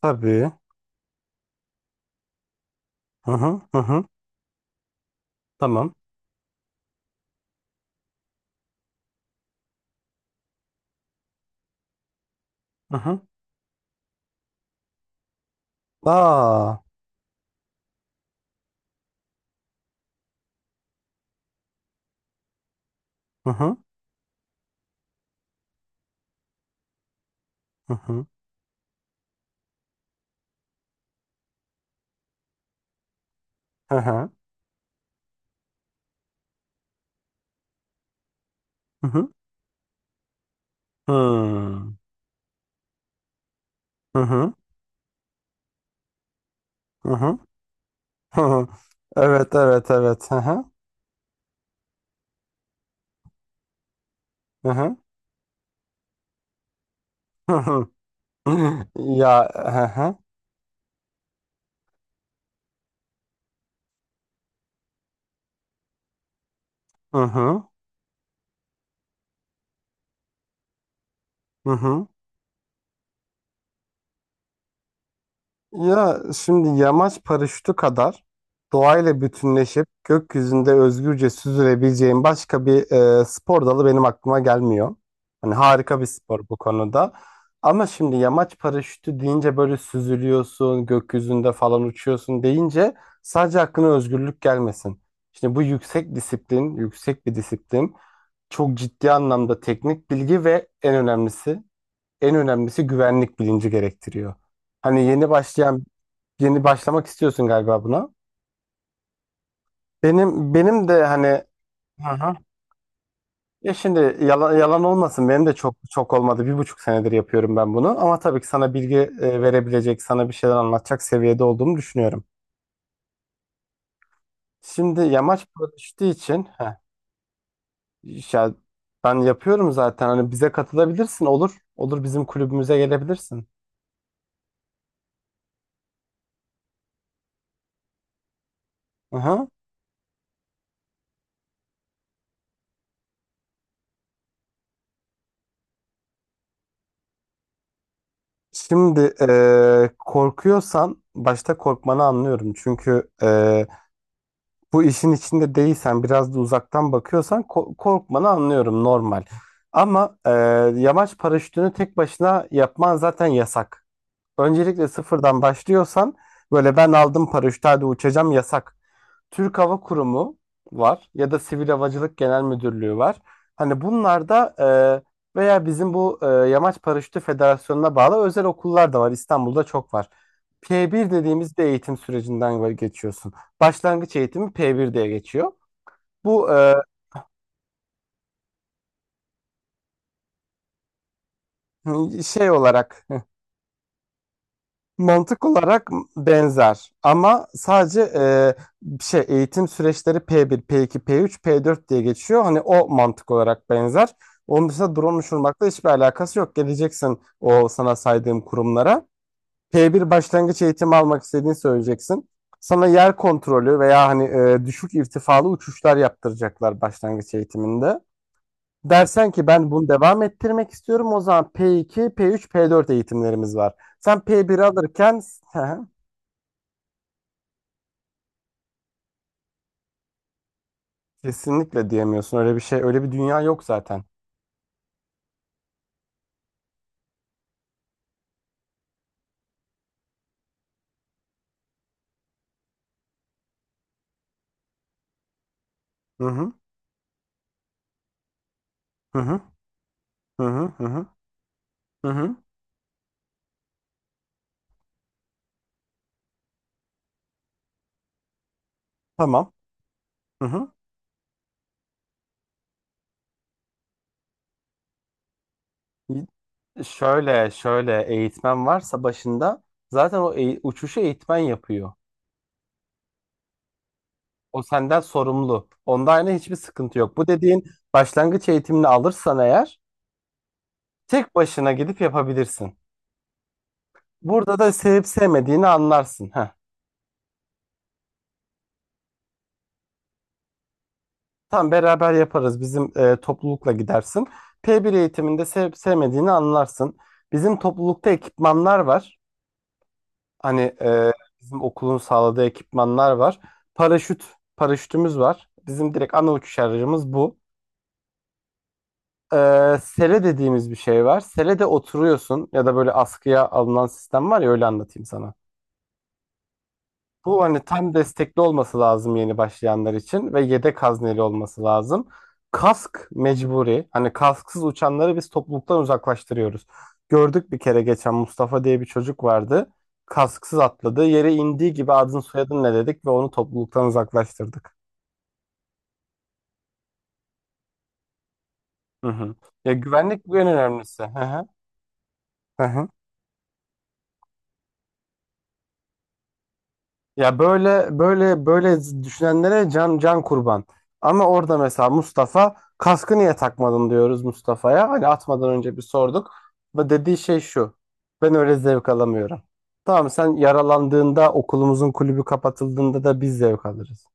Tabii. Hı hı hı hı. Tamam. Hı hı. Aa. Hı hı hı hı. Hı hı. Hı hı. Hmm. Hı hı. Hı hı. Hı hı. Evet evet evet. Hı hı. Hı hı. Hı hı. Ya, hı hı. Hı hı. Hı hı. Ya şimdi yamaç paraşütü kadar doğayla bütünleşip gökyüzünde özgürce süzülebileceğim başka bir spor dalı benim aklıma gelmiyor. Hani harika bir spor bu konuda. Ama şimdi yamaç paraşütü deyince böyle süzülüyorsun, gökyüzünde falan uçuyorsun deyince sadece aklına özgürlük gelmesin. Şimdi bu yüksek disiplin, yüksek bir disiplin. Çok ciddi anlamda teknik bilgi ve en önemlisi, en önemlisi güvenlik bilinci gerektiriyor. Hani yeni başlayan. Yeni başlamak istiyorsun galiba buna. Benim de hani. Hı hı. Ya şimdi yalan olmasın, benim de çok çok olmadı. 1,5 senedir yapıyorum ben bunu. Ama tabii ki sana bilgi verebilecek, sana bir şeyler anlatacak seviyede olduğumu düşünüyorum. Şimdi yamaç paraşütü için, heh, ya ben yapıyorum zaten. Hani bize katılabilirsin, olur. Olur, bizim kulübümüze gelebilirsin. Hı hı. Şimdi korkuyorsan başta korkmanı anlıyorum. Çünkü bu işin içinde değilsen, biraz da uzaktan bakıyorsan korkmanı anlıyorum, normal. Ama yamaç paraşütünü tek başına yapman zaten yasak. Öncelikle sıfırdan başlıyorsan böyle "ben aldım paraşütü, hadi uçacağım" yasak. Türk Hava Kurumu var ya da Sivil Havacılık Genel Müdürlüğü var. Hani bunlar da veya bizim bu Yamaç Paraşütü Federasyonu'na bağlı özel okullar da var. İstanbul'da çok var. P1 dediğimiz bir eğitim sürecinden geçiyorsun. Başlangıç eğitimi P1 diye geçiyor. Bu şey olarak, mantık olarak benzer ama sadece şey, eğitim süreçleri P1, P2, P3, P4 diye geçiyor. Hani o mantık olarak benzer. Onun dışında drone uçurmakla hiçbir alakası yok. Geleceksin o sana saydığım kurumlara. P1 başlangıç eğitimi almak istediğini söyleyeceksin. Sana yer kontrolü veya hani düşük irtifalı uçuşlar yaptıracaklar başlangıç eğitiminde. Dersen ki "ben bunu devam ettirmek istiyorum", o zaman P2, P3, P4 eğitimlerimiz var. Sen P1 alırken kesinlikle diyemiyorsun. Öyle bir şey, öyle bir dünya yok zaten. Hı hı. Hı hı. Hı hı. Hı hı. Hı hı. Tamam. Hı hı. Şöyle, eğitmen varsa başında zaten o uçuşu eğitmen yapıyor. O senden sorumlu. Onda aynı hiçbir sıkıntı yok. Bu dediğin başlangıç eğitimini alırsan eğer, tek başına gidip yapabilirsin. Burada da sevip sevmediğini anlarsın. Heh. Tam beraber yaparız. Bizim toplulukla gidersin. P1 eğitiminde sevip sevmediğini anlarsın. Bizim toplulukta ekipmanlar var. Hani bizim okulun sağladığı ekipmanlar var. Paraşüt, paraşütümüz var. Bizim direkt ana uçuş aracımız bu. E, sele dediğimiz bir şey var. Sele de oturuyorsun ya da böyle askıya alınan sistem var ya, öyle anlatayım sana. Bu, hani, tam destekli olması lazım yeni başlayanlar için ve yedek hazneli olması lazım. Kask mecburi. Hani kasksız uçanları biz topluluktan uzaklaştırıyoruz. Gördük, bir kere geçen Mustafa diye bir çocuk vardı. Kasksız atladı. Yere indiği gibi "adın soyadın ne?" dedik ve onu topluluktan uzaklaştırdık. Hı hı. Ya güvenlik bu, en önemlisi. Hı hı. Hı hı. Ya, böyle böyle böyle düşünenlere can can kurban. Ama orada mesela Mustafa, kaskı niye takmadın diyoruz Mustafa'ya. Hani atmadan önce bir sorduk. Ve dediği şey şu: ben öyle zevk alamıyorum. Tamam, sen yaralandığında, okulumuzun kulübü kapatıldığında da biz zevk alırız.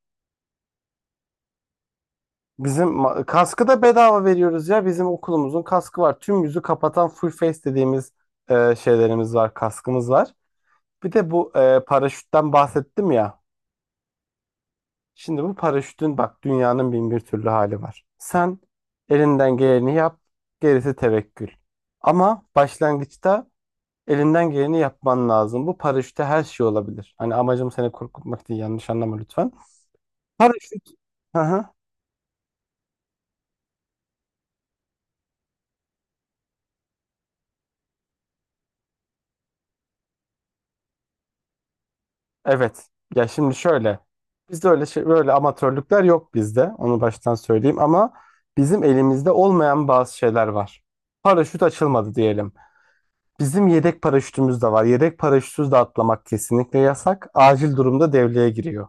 Bizim kaskı da bedava veriyoruz ya. Bizim okulumuzun kaskı var. Tüm yüzü kapatan, full face dediğimiz şeylerimiz var, kaskımız var. Bir de bu paraşütten bahsettim ya. Şimdi bu paraşütün, bak, dünyanın bin bir türlü hali var. Sen elinden geleni yap, gerisi tevekkül. Ama başlangıçta elinden geleni yapman lazım. Bu paraşütte her şey olabilir. Hani amacım seni korkutmak değil, yanlış anlama lütfen. Paraşüt. Hı hı. Evet. Ya şimdi şöyle. Bizde öyle şey, böyle amatörlükler yok bizde. Onu baştan söyleyeyim, ama bizim elimizde olmayan bazı şeyler var. Paraşüt açılmadı diyelim. Bizim yedek paraşütümüz de var. Yedek paraşütsüz de atlamak kesinlikle yasak. Acil durumda devreye giriyor.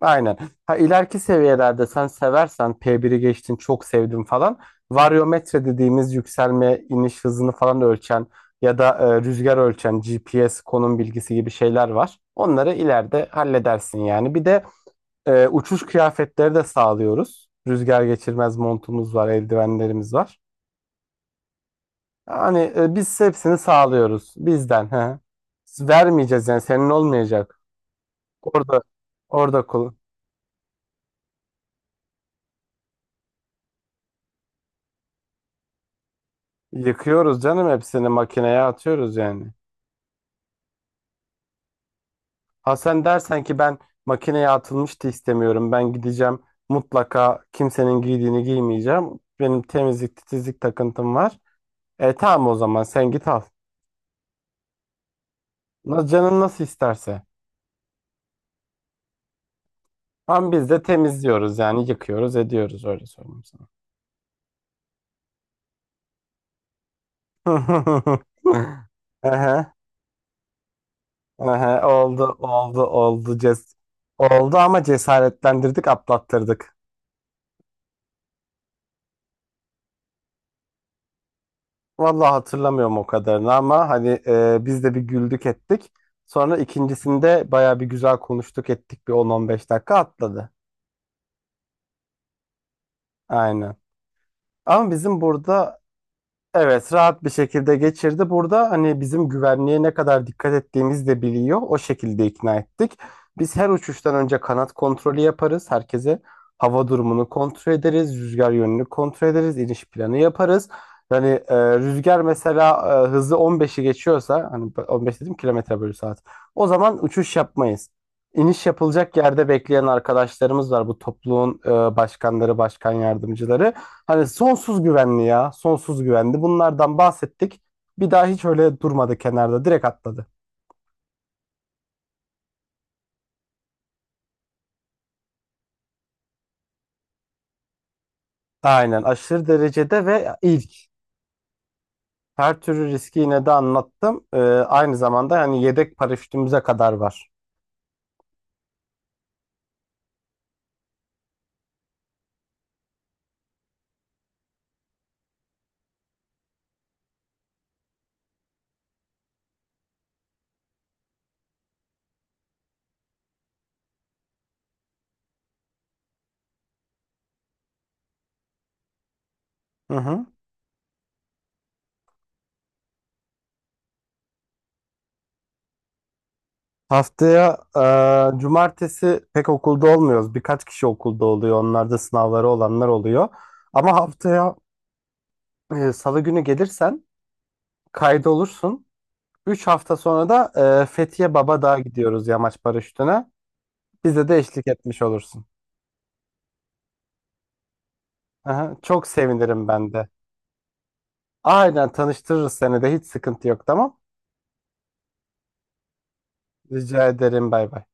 Aynen. Ha, ileriki seviyelerde, sen seversen, P1'i geçtin, çok sevdim falan. Varyometre dediğimiz yükselme iniş hızını falan ölçen, ya da rüzgar ölçen GPS konum bilgisi gibi şeyler var. Onları ileride halledersin yani. Bir de uçuş kıyafetleri de sağlıyoruz. Rüzgar geçirmez montumuz var, eldivenlerimiz var. Yani biz hepsini sağlıyoruz bizden. He. Vermeyeceğiz yani, senin olmayacak. Orada orada yıkıyoruz canım, hepsini makineye atıyoruz yani. Ha, sen dersen ki ben makineye atılmıştı istemiyorum. Ben gideceğim, mutlaka kimsenin giydiğini giymeyeceğim. Benim temizlik titizlik takıntım var. E tamam, o zaman sen git al. Canın nasıl isterse. Ama biz de temizliyoruz yani, yıkıyoruz ediyoruz, öyle söyleyeyim sana. Ehe. Aha, oldu oldu, ama cesaretlendirdik, atlattırdık. Vallahi hatırlamıyorum o kadarını, ama hani biz de bir güldük ettik. Sonra ikincisinde baya bir güzel konuştuk ettik, bir 10-15 dakika, atladı. Aynen. Ama bizim burada. Evet, rahat bir şekilde geçirdi. Burada hani bizim güvenliğe ne kadar dikkat ettiğimiz de biliyor. O şekilde ikna ettik. Biz her uçuştan önce kanat kontrolü yaparız. Herkese hava durumunu kontrol ederiz, rüzgar yönünü kontrol ederiz, iniş planı yaparız. Yani rüzgar mesela hızı 15'i geçiyorsa, hani 15 dedim, kilometre bölü saat. O zaman uçuş yapmayız. İniş yapılacak yerde bekleyen arkadaşlarımız var. Bu topluluğun başkanları, başkan yardımcıları. Hani sonsuz güvenli ya, sonsuz güvenli. Bunlardan bahsettik. Bir daha hiç öyle durmadı kenarda, direkt atladı. Aynen, aşırı derecede ve ilk. Her türlü riski yine de anlattım. Aynı zamanda hani yedek paraşütümüze kadar var. Hı hı. Haftaya cumartesi pek okulda olmuyoruz. Birkaç kişi okulda oluyor. Onlar da sınavları olanlar oluyor. Ama haftaya salı günü gelirsen, kaydolursun. 3 hafta sonra da Fethiye Babadağ'a gidiyoruz, yamaç paraşütüne. Bize de eşlik etmiş olursun. Aha, çok sevinirim ben de. Aynen, tanıştırırız seni de, hiç sıkıntı yok, tamam. Rica ederim, bay bay.